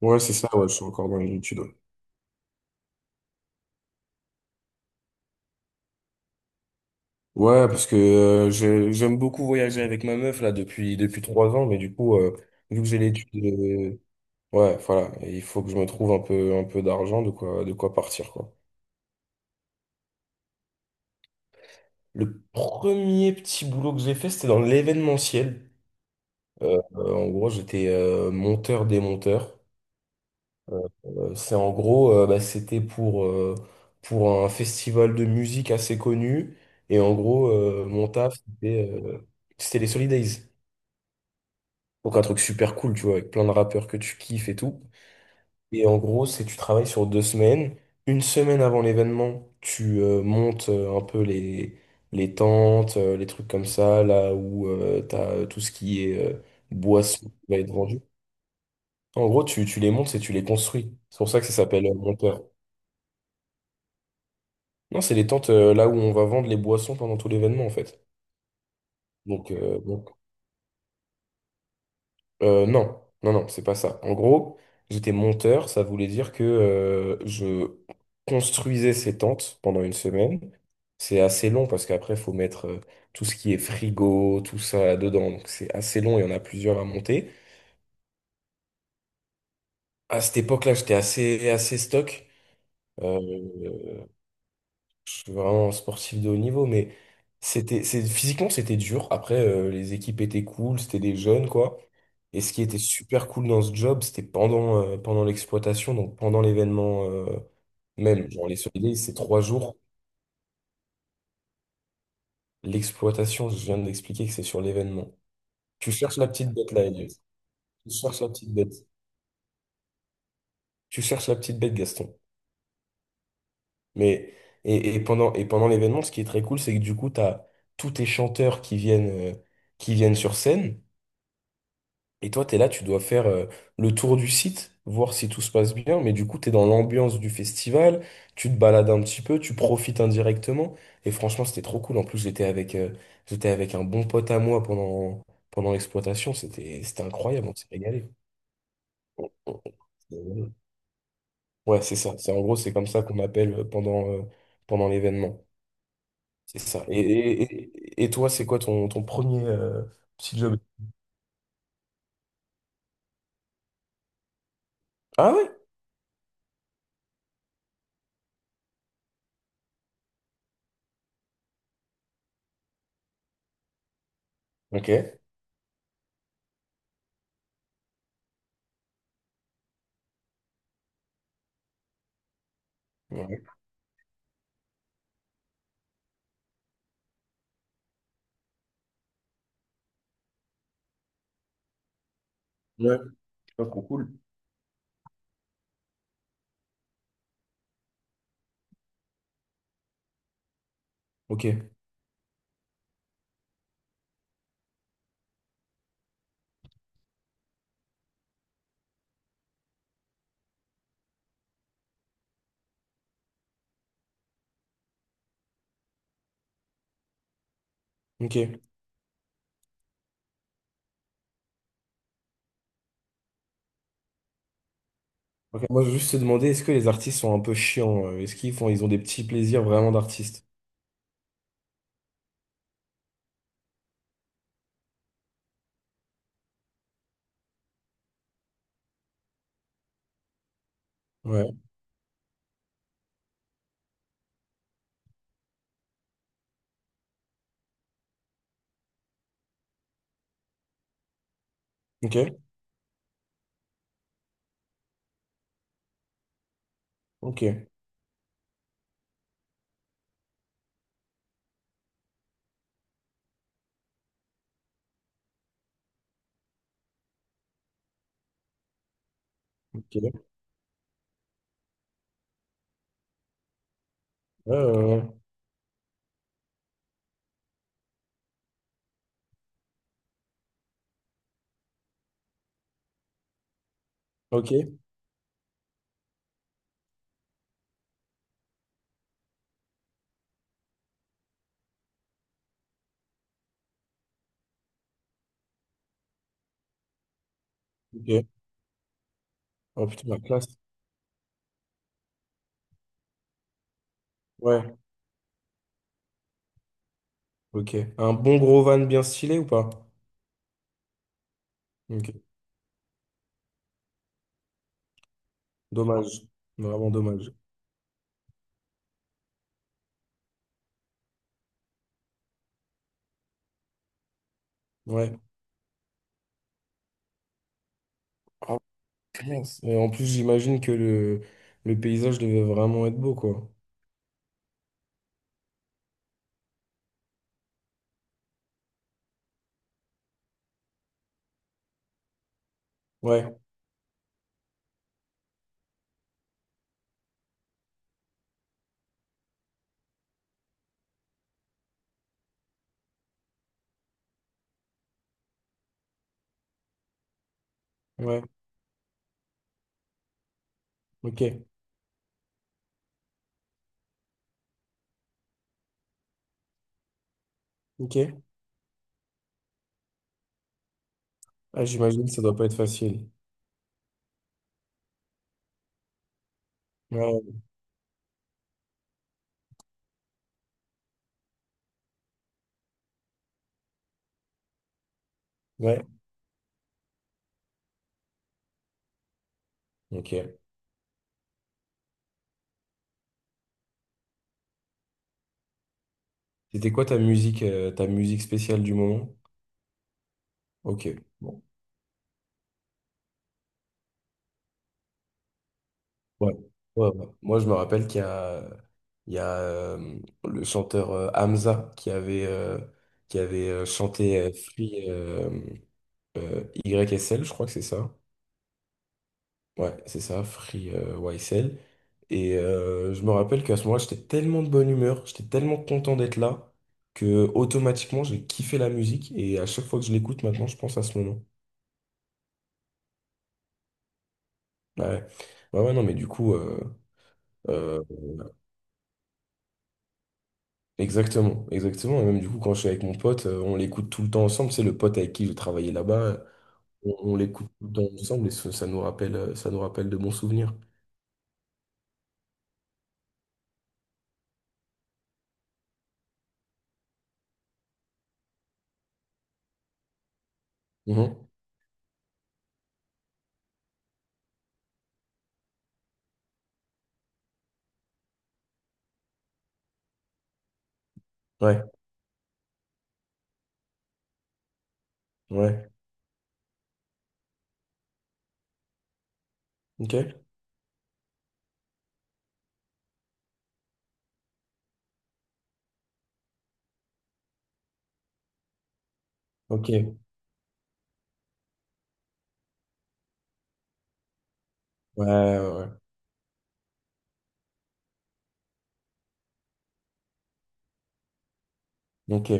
Ouais, c'est ça, ouais, je suis encore dans les études. Ouais, ouais, parce que j'ai- j'aime beaucoup voyager avec ma meuf là depuis trois ans, mais du coup, vu que j'ai l'étude, ouais, voilà, il faut que je me trouve un peu d'argent, de quoi partir quoi. Le premier petit boulot que j'ai fait, c'était dans l'événementiel. En gros, j'étais monteur démonteur. C'est en gros, bah, c'était pour un festival de musique assez connu, et en gros, mon taf, c'était c'était les Solidays. Donc un truc super cool, tu vois, avec plein de rappeurs que tu kiffes et tout. Et en gros, c'est tu travailles sur deux semaines. Une semaine avant l'événement, tu montes un peu les tentes, les trucs comme ça, là où t'as tout ce qui est boisson qui va être vendu. En gros, tu les montes et tu les construis. C'est pour ça que ça s'appelle monteur. Non, c'est les tentes là où on va vendre les boissons pendant tout l'événement, en fait. Donc, euh, donc non, non, non, c'est pas ça. En gros, j'étais monteur, ça voulait dire que je construisais ces tentes pendant une semaine. C'est assez long parce qu'après, il faut mettre tout ce qui est frigo, tout ça dedans. Donc c'est assez long, il y en a plusieurs à monter. À cette époque-là, j'étais assez stock. Euh, je suis vraiment un sportif de haut niveau, mais c'est, physiquement, c'était dur. Après, les équipes étaient cool, c'était des jeunes, quoi. Et ce qui était super cool dans ce job, c'était pendant l'exploitation, donc pendant l'événement même. Genre, les Solid Days, c'est trois jours. L'exploitation, je viens de l'expliquer que c'est sur l'événement. Tu cherches la petite bête là, Elias. Tu cherches la petite bête. Tu cherches la petite bête, Gaston. Mais, et pendant l'événement, ce qui est très cool, c'est que du coup, tu as tous tes chanteurs qui viennent sur scène. Et toi, t'es là, tu dois faire le tour du site, voir si tout se passe bien, mais du coup, t'es dans l'ambiance du festival, tu te balades un petit peu, tu profites indirectement, et franchement, c'était trop cool. En plus, j'étais avec un bon pote à moi pendant l'exploitation, c'était incroyable, on s'est régalé. On s'est régalé. Ouais, c'est ça, c'est en gros, c'est comme ça qu'on m'appelle pendant l'événement. C'est ça. Et, et toi, c'est quoi ton, ton premier petit job? Ah ouais? Ok. Ouais. Ouais, pas trop cool. Ok, ok. Ok, moi, je veux juste te demander, est-ce que les artistes sont un peu chiants? Est-ce qu'ils font, ils ont des petits plaisirs vraiment d'artistes? Ouais. Ok. Ok. Ok. Ouais, ouais, ouais. Ok. Ok. Oh putain, la classe. Ouais. Ok. Un bon gros van bien stylé ou pas? Ok. Dommage. Vraiment dommage. Ouais. Oh, classe. Et en plus, j'imagine que le paysage devait vraiment être beau, quoi. Ouais. Ouais. Ok. Ok. Ah, j'imagine que ça doit pas être facile. Ouais. Ouais. Ok. C'était quoi ta musique spéciale du moment? Ok, bon. Ouais. Ouais, ouais. Moi, je me rappelle qu'il y a le chanteur Hamza qui avait chanté Free YSL, je crois que c'est ça. Ouais, c'est ça, Free YSL. Et je me rappelle qu'à ce moment-là, j'étais tellement de bonne humeur, j'étais tellement content d'être là, que automatiquement, j'ai kiffé la musique. Et à chaque fois que je l'écoute maintenant, je pense à ce moment. Ouais, ouais, ouais, non, mais du coup. euh, Exactement, exactement. Et même du coup, quand je suis avec mon pote, on l'écoute tout le temps ensemble. C'est le pote avec qui je travaillais là-bas. On l'écoute tout le temps ensemble et ça, ça nous rappelle de bons souvenirs. Mhm. Ouais, ouais. Ok, ok. Ouais, ouais. Ouais. Ok,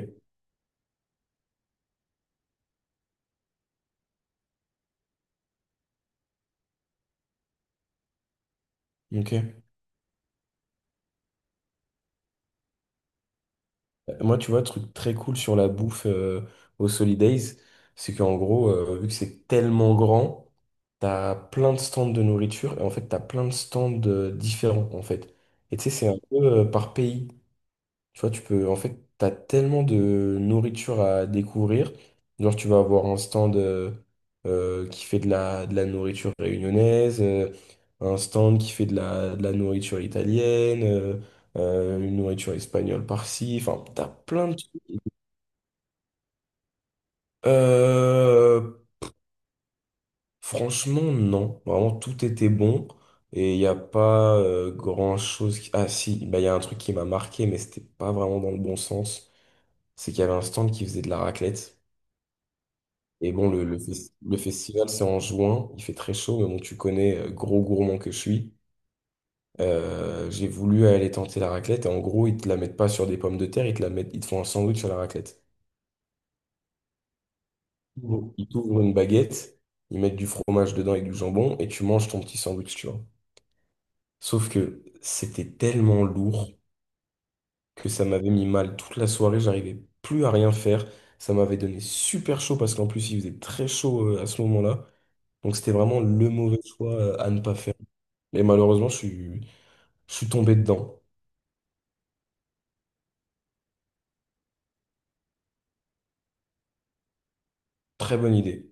ok. Moi, tu vois, truc très cool sur la bouffe au Solidays, c'est qu'en gros, vu que c'est tellement grand, t'as plein de stands de nourriture et en fait, t'as plein de stands différents en fait. Et tu sais, c'est un peu par pays. Tu vois, tu peux, en fait, t'as tellement de nourriture à découvrir. Genre, tu vas avoir un stand qui fait de la nourriture réunionnaise, un stand qui fait de la nourriture italienne, une nourriture espagnole par-ci. Enfin, t'as plein de trucs. Euh, Franchement, non. Vraiment, tout était bon. Et il n'y a pas grand-chose. Ah, si, bah, il y a un truc qui m'a marqué, mais c'était pas vraiment dans le bon sens. C'est qu'il y avait un stand qui faisait de la raclette. Et bon, le festival, c'est en juin, il fait très chaud, mais bon, tu connais, gros gourmand que je suis. J'ai voulu aller tenter la raclette, et en gros, ils te la mettent pas sur des pommes de terre, ils te la mettent, ils te font un sandwich sur la raclette. Bon. Ils t'ouvrent une baguette, ils mettent du fromage dedans avec du jambon, et tu manges ton petit sandwich, tu vois. Sauf que c'était tellement lourd que ça m'avait mis mal toute la soirée, j'arrivais plus à rien faire. Ça m'avait donné super chaud parce qu'en plus, il faisait très chaud à ce moment-là. Donc c'était vraiment le mauvais choix à ne pas faire. Et malheureusement, je suis tombé dedans. Très bonne idée.